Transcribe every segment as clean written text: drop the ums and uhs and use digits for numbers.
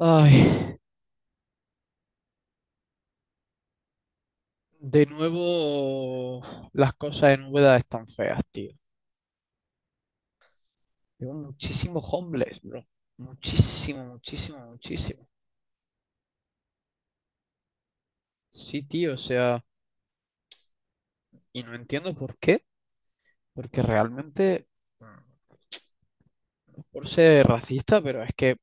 Ay, de nuevo las cosas en Úbeda están feas, tío. Tengo muchísimos homeless, bro. Muchísimo, muchísimo, muchísimo. Sí, tío, o sea, y no entiendo por qué, porque realmente, no es por ser racista, pero es que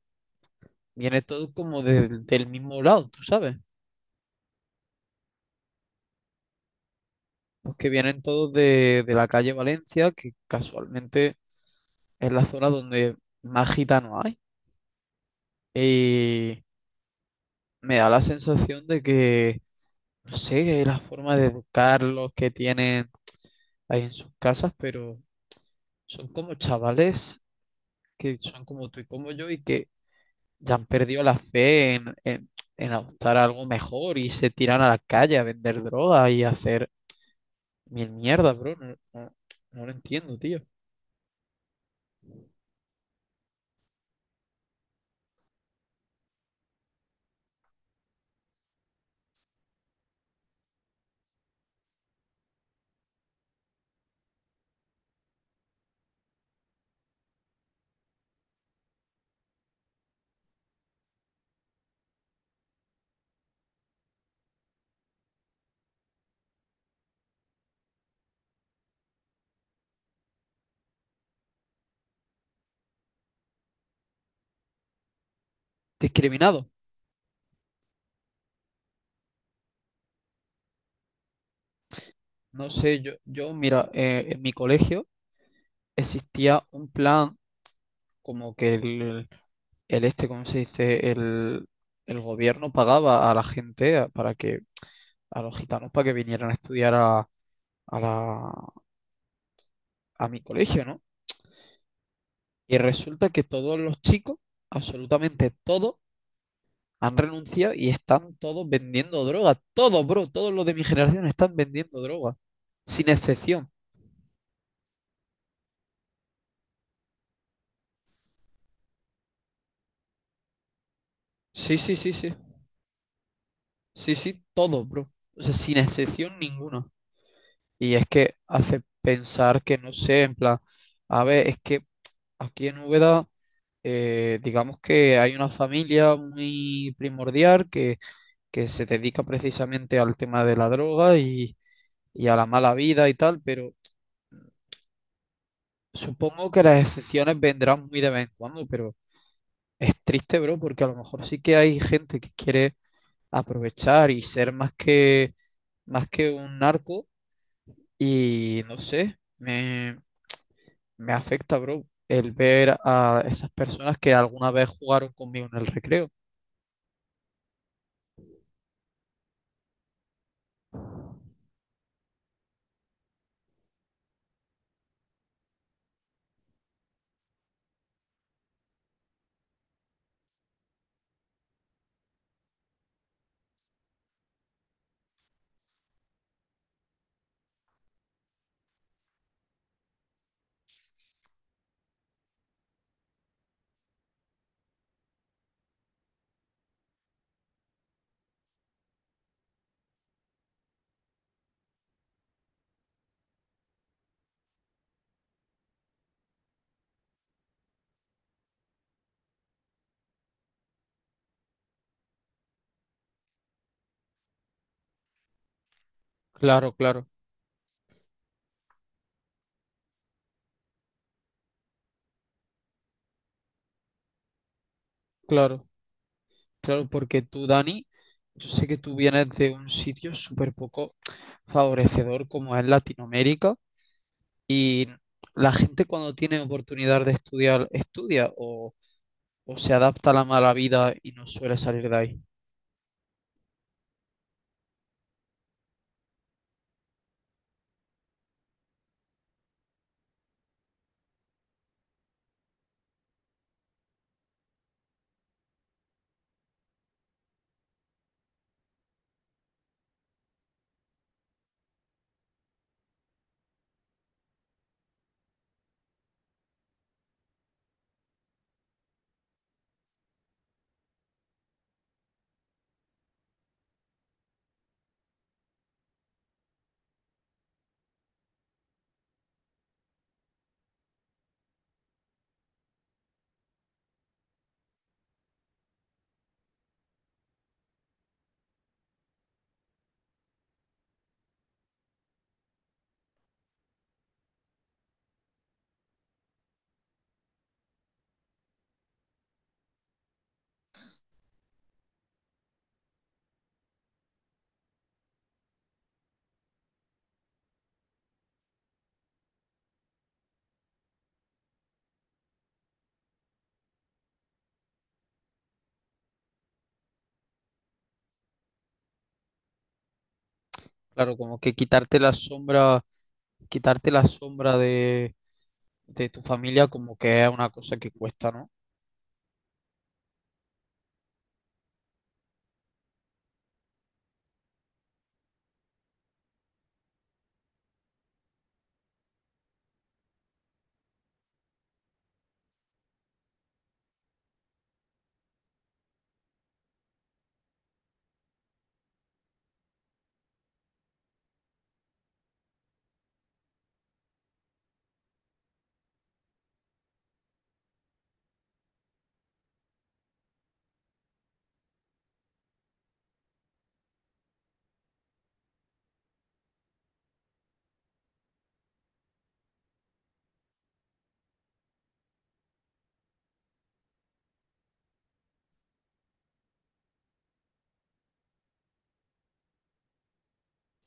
viene todo como del mismo lado, tú sabes. Porque vienen todos de la calle Valencia, que casualmente es la zona donde más gitanos hay. Y me da la sensación de que no sé, la forma de educarlos que tienen ahí en sus casas, pero son como chavales que son como tú y como yo y que ya han perdido la fe en adoptar algo mejor y se tiran a la calle a vender droga y a hacer mil mierda, bro. No lo entiendo, tío. Discriminado. No sé, yo, mira, en mi colegio existía un plan como que el este, ¿cómo se dice? El gobierno pagaba a la gente para que a los gitanos para que vinieran a estudiar a, a la- a mi colegio, ¿no? Y resulta que todos los chicos, absolutamente todos, han renunciado y están todos vendiendo droga. Todos, bro, todos los de mi generación están vendiendo droga. Sin excepción. Sí, sí, sí, sí. Sí, sí, todos, bro. O sea, sin excepción ninguna. Y es que hace pensar que, no sé, en plan, a ver, es que aquí en Úbeda digamos que hay una familia muy primordial que se dedica precisamente al tema de la droga y a la mala vida y tal, pero supongo que las excepciones vendrán muy de vez en cuando, pero es triste, bro, porque a lo mejor sí que hay gente que quiere aprovechar y ser más que un narco y no sé, me afecta, bro, el ver a esas personas que alguna vez jugaron conmigo en el recreo. Claro, claro, claro. Claro, porque tú, Dani, yo sé que tú vienes de un sitio súper poco favorecedor como es Latinoamérica. La gente cuando tiene oportunidad de estudiar, estudia o se adapta a la mala vida y no suele salir de ahí. Claro, como que quitarte la sombra de tu familia como que es una cosa que cuesta, ¿no?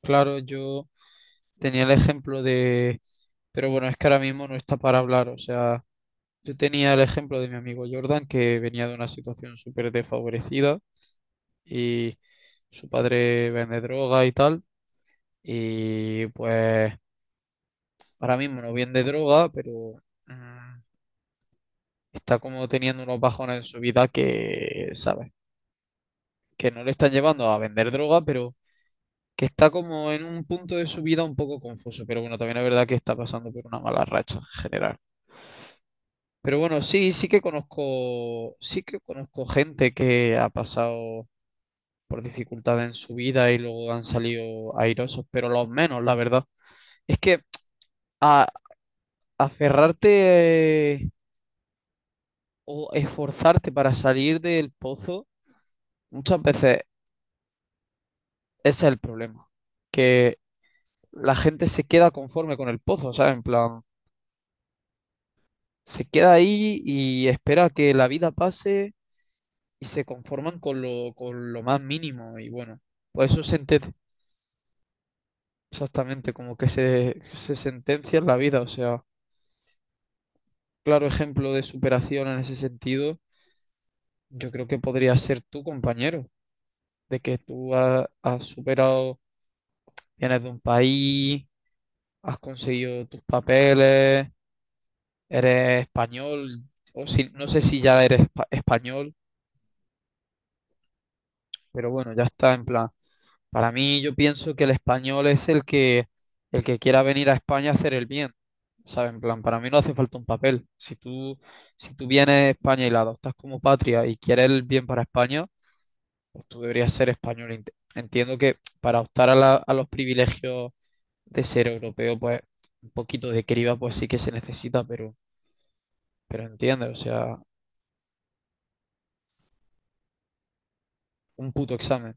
Claro, yo tenía el ejemplo de, pero bueno, es que ahora mismo no está para hablar, o sea... Yo tenía el ejemplo de mi amigo Jordan, que venía de una situación súper desfavorecida y su padre vende droga y tal. Y pues ahora mismo no vende droga, pero mm, está como teniendo unos bajones en su vida que, ¿sabes? Que no le están llevando a vender droga, pero que está como en un punto de su vida un poco confuso. Pero bueno, también es verdad que está pasando por una mala racha en general. Pero bueno, sí, sí que conozco gente que ha pasado por dificultades en su vida y luego han salido airosos, pero los menos, la verdad. Es que a, aferrarte o esforzarte para salir del pozo, muchas veces ese es el problema, que la gente se queda conforme con el pozo, ¿sabes? En plan, se queda ahí y espera que la vida pase y se conforman con lo más mínimo y bueno, pues eso se enten- exactamente, como que se sentencia en la vida, o sea, claro ejemplo de superación en ese sentido, yo creo que podría ser tu compañero, de que tú ha- has, superado, vienes de un país, has conseguido tus papeles, eres español, o si, no sé si ya eres espa- español, pero bueno, ya está en plan. Para mí yo pienso que el español es el que quiera venir a España a hacer el bien. ¿Sabes? En plan, para mí no hace falta un papel. Si tú, si tú vienes a España y la adoptas como patria y quieres el bien para España, pues tú deberías ser español. Ent- Entiendo que para optar a, a los privilegios de ser europeo, pues un poquito de criba, pues sí que se necesita, pero entiende, o sea, un puto examen.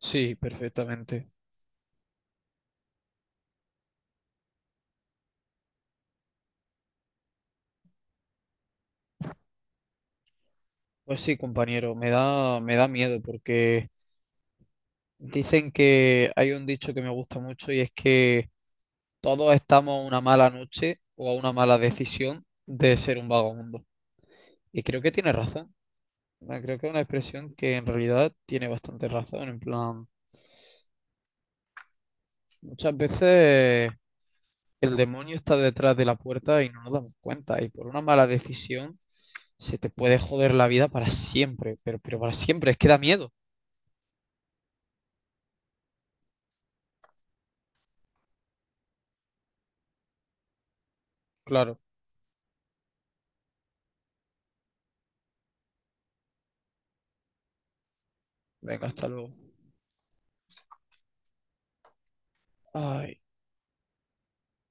Sí, perfectamente. Pues sí, compañero, me da miedo porque dicen que hay un dicho que me gusta mucho y es que todos estamos a una mala noche o a una mala decisión de ser un vagabundo. Y creo que tiene razón. Ah, creo que es una expresión que en realidad tiene bastante razón, en plan. Muchas veces el demonio está detrás de la puerta y no nos damos cuenta. Y por una mala decisión se te puede joder la vida para siempre, pero para siempre, es que da miedo. Claro, venga, hasta luego. Ay.